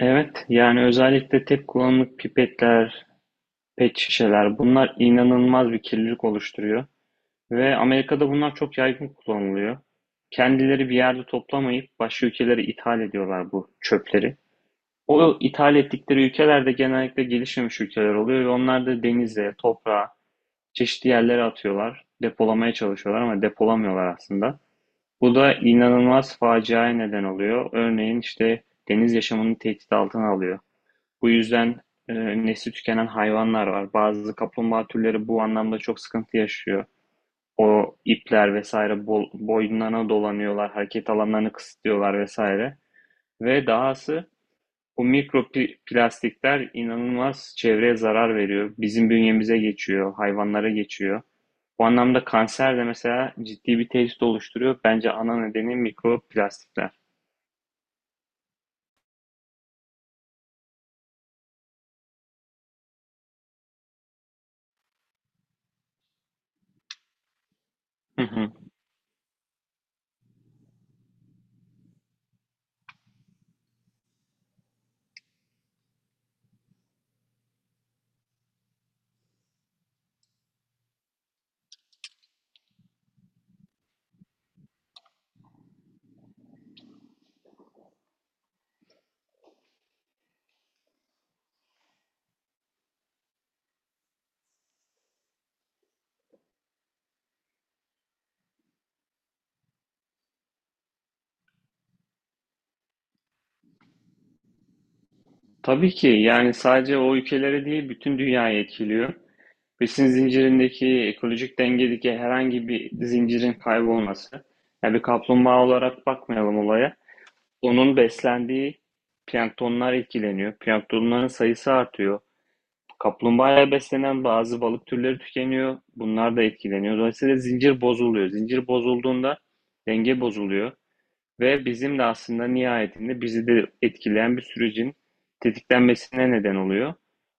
Evet, yani özellikle tek kullanımlık pipetler, pet şişeler bunlar inanılmaz bir kirlilik oluşturuyor. Ve Amerika'da bunlar çok yaygın kullanılıyor. Kendileri bir yerde toplamayıp başka ülkelere ithal ediyorlar bu çöpleri. O ithal ettikleri ülkeler de genellikle gelişmemiş ülkeler oluyor ve onlar da denize, toprağa, çeşitli yerlere atıyorlar. Depolamaya çalışıyorlar ama depolamıyorlar aslında. Bu da inanılmaz faciaya neden oluyor. Örneğin işte deniz yaşamını tehdit altına alıyor. Bu yüzden e, nesli tükenen hayvanlar var. Bazı kaplumbağa türleri bu anlamda çok sıkıntı yaşıyor. O ipler vesaire bol, boyunlarına dolanıyorlar, hareket alanlarını kısıtlıyorlar vesaire. Ve dahası bu mikroplastikler inanılmaz çevreye zarar veriyor. Bizim bünyemize geçiyor, hayvanlara geçiyor. Bu anlamda kanser de mesela ciddi bir tehdit oluşturuyor. Bence ana nedeni mikroplastikler. Hı hı. Tabii ki yani sadece o ülkelere değil bütün dünyayı etkiliyor. Besin zincirindeki ekolojik dengedeki herhangi bir zincirin kaybolması. Yani bir kaplumbağa olarak bakmayalım olaya. Onun beslendiği planktonlar etkileniyor. Planktonların sayısı artıyor. Kaplumbağaya beslenen bazı balık türleri tükeniyor. Bunlar da etkileniyor. Dolayısıyla zincir bozuluyor. Zincir bozulduğunda denge bozuluyor. Ve bizim de aslında nihayetinde bizi de etkileyen bir sürecin tetiklenmesine neden oluyor.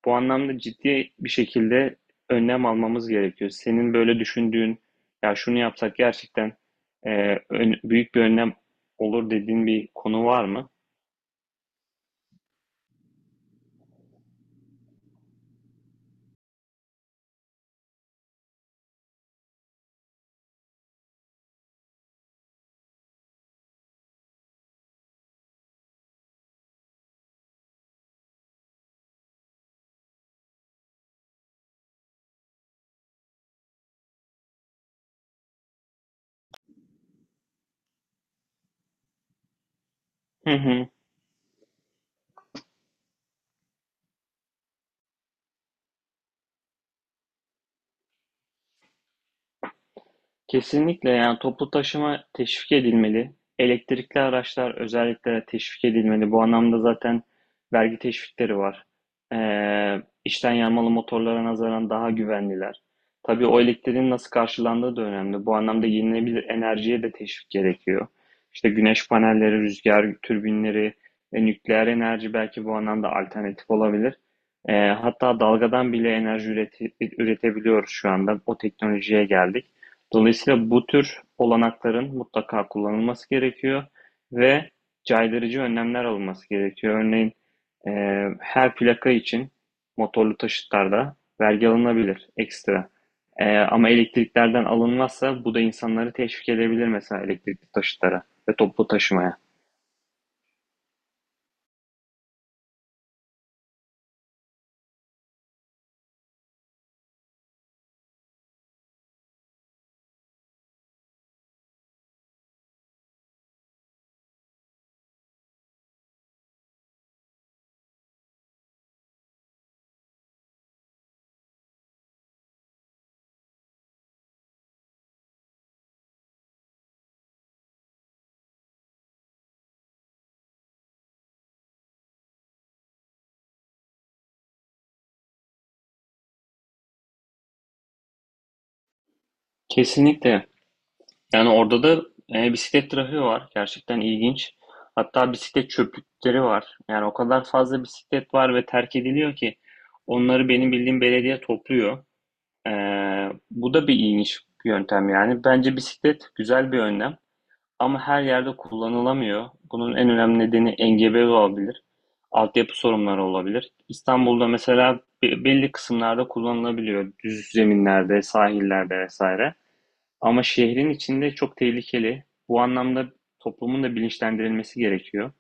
Bu anlamda ciddi bir şekilde önlem almamız gerekiyor. Senin böyle düşündüğün, ya şunu yapsak gerçekten e, büyük bir önlem olur dediğin bir konu var mı? Hı hı. Kesinlikle yani toplu taşıma teşvik edilmeli. Elektrikli araçlar özellikle teşvik edilmeli. Bu anlamda zaten vergi teşvikleri var. İçten yanmalı motorlara nazaran daha güvenliler. Tabii o elektriğin nasıl karşılandığı da önemli. Bu anlamda yenilenebilir enerjiye de teşvik gerekiyor. İşte güneş panelleri, rüzgar türbinleri, nükleer enerji belki bu anlamda alternatif olabilir. Hatta dalgadan bile enerji üretebiliyoruz şu anda. O teknolojiye geldik. Dolayısıyla bu tür olanakların mutlaka kullanılması gerekiyor ve caydırıcı önlemler alınması gerekiyor. Örneğin e, her plaka için motorlu taşıtlarda vergi alınabilir ekstra. Ama elektriklerden alınmazsa bu da insanları teşvik edebilir mesela elektrikli taşıtlara ve toplu taşımaya. Kesinlikle. Yani orada da bisiklet trafiği var. Gerçekten ilginç. Hatta bisiklet çöplükleri var. Yani o kadar fazla bisiklet var ve terk ediliyor ki onları benim bildiğim belediye topluyor. E, Bu da bir ilginç bir yöntem yani. Bence bisiklet güzel bir önlem ama her yerde kullanılamıyor. Bunun en önemli nedeni engebe olabilir. Altyapı sorunları olabilir. İstanbul'da mesela belli kısımlarda kullanılabiliyor. Düz zeminlerde, sahillerde vesaire. Ama şehrin içinde çok tehlikeli. Bu anlamda toplumun da bilinçlendirilmesi gerekiyor.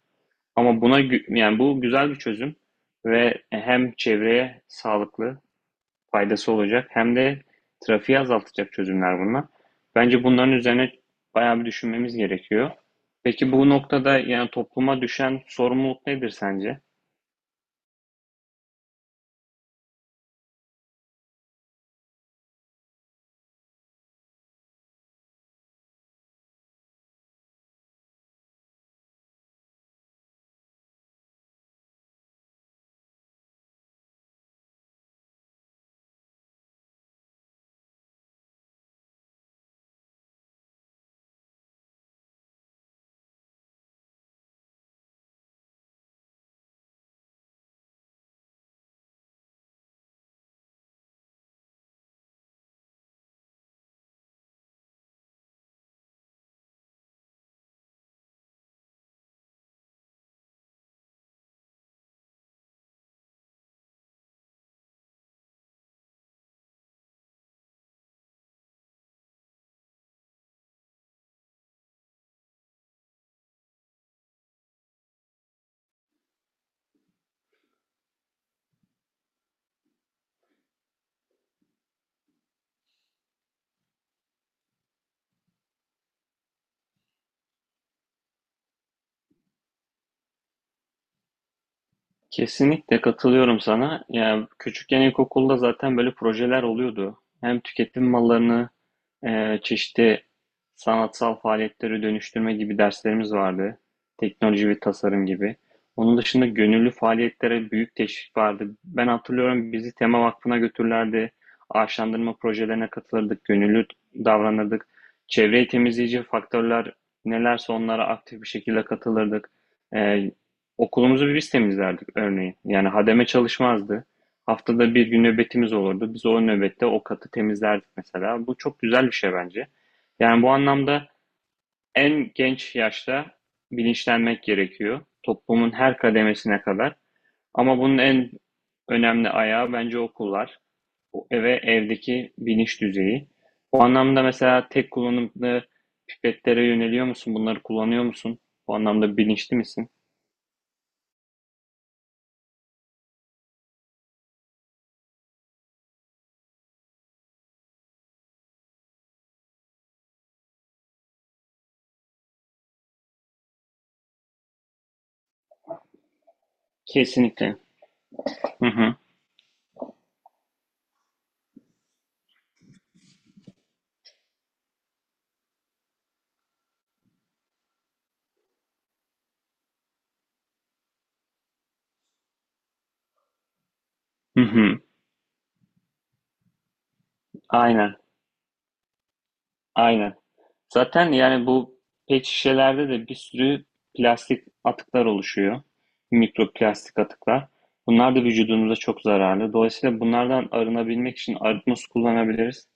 Ama buna yani bu güzel bir çözüm ve hem çevreye sağlıklı faydası olacak hem de trafiği azaltacak çözümler bunlar. Bence bunların üzerine bayağı bir düşünmemiz gerekiyor. Peki bu noktada yani topluma düşen sorumluluk nedir sence? Kesinlikle katılıyorum sana. Yani küçükken ilkokulda zaten böyle projeler oluyordu. Hem tüketim mallarını çeşitli sanatsal faaliyetleri dönüştürme gibi derslerimiz vardı. Teknoloji ve tasarım gibi. Onun dışında gönüllü faaliyetlere büyük teşvik vardı. Ben hatırlıyorum bizi Tema Vakfı'na götürürlerdi. Ağaçlandırma projelerine katılırdık, gönüllü davranırdık. Çevreyi temizleyici faktörler nelerse onlara aktif bir şekilde katılırdık. Eee, Okulumuzu biz temizlerdik örneğin. Yani hademe çalışmazdı. Haftada bir gün nöbetimiz olurdu. Biz o nöbette o katı temizlerdik mesela. Bu çok güzel bir şey bence. Yani bu anlamda en genç yaşta bilinçlenmek gerekiyor. Toplumun her kademesine kadar. Ama bunun en önemli ayağı bence okullar. O eve Evdeki bilinç düzeyi. Bu anlamda mesela tek kullanımlı pipetlere yöneliyor musun? Bunları kullanıyor musun? Bu anlamda bilinçli misin? Kesinlikle. Hı hı. Hı hı. Aynen. Aynen. Zaten yani bu pet şişelerde de bir sürü plastik atıklar oluşuyor. Mikroplastik atıklar. Bunlar da vücudumuza çok zararlı. Dolayısıyla bunlardan arınabilmek için arıtma su kullanabiliriz.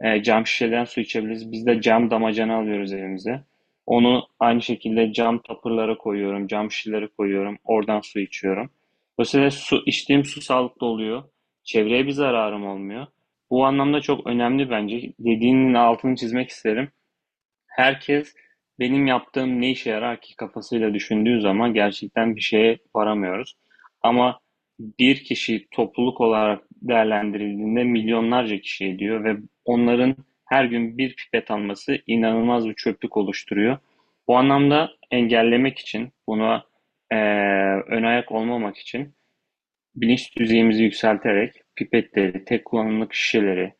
Cam şişeden su içebiliriz. Biz de cam damacana alıyoruz evimize. Onu aynı şekilde cam tapırlara koyuyorum, cam şişelere koyuyorum. Oradan su içiyorum. Dolayısıyla su, içtiğim su sağlıklı oluyor. Çevreye bir zararım olmuyor. Bu anlamda çok önemli bence. Dediğinin altını çizmek isterim. Herkes, "Benim yaptığım ne işe yarar ki?" kafasıyla düşündüğü zaman gerçekten bir şeye varamıyoruz. Ama bir kişi topluluk olarak değerlendirildiğinde milyonlarca kişi ediyor ve onların her gün bir pipet alması inanılmaz bir çöplük oluşturuyor. Bu anlamda engellemek için, buna eee ön ayak olmamak için bilinç düzeyimizi yükselterek pipetleri, tek kullanımlık şişeleri,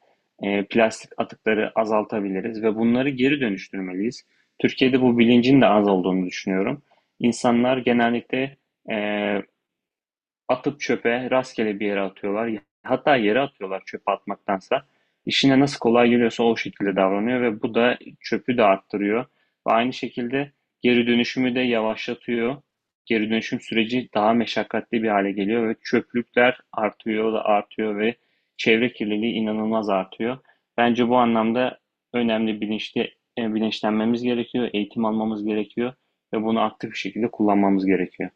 plastik atıkları azaltabiliriz ve bunları geri dönüştürmeliyiz. Türkiye'de bu bilincin de az olduğunu düşünüyorum. İnsanlar genellikle eee, atıp çöpe, rastgele bir yere atıyorlar. Hatta yere atıyorlar çöpe atmaktansa. İşine nasıl kolay geliyorsa o şekilde davranıyor ve bu da çöpü de arttırıyor. Ve aynı şekilde geri dönüşümü de yavaşlatıyor. Geri dönüşüm süreci daha meşakkatli bir hale geliyor ve çöplükler artıyor da artıyor ve çevre kirliliği inanılmaz artıyor. Bence bu anlamda önemli bilinçlenmemiz gerekiyor, eğitim almamız gerekiyor ve bunu aktif bir şekilde kullanmamız gerekiyor.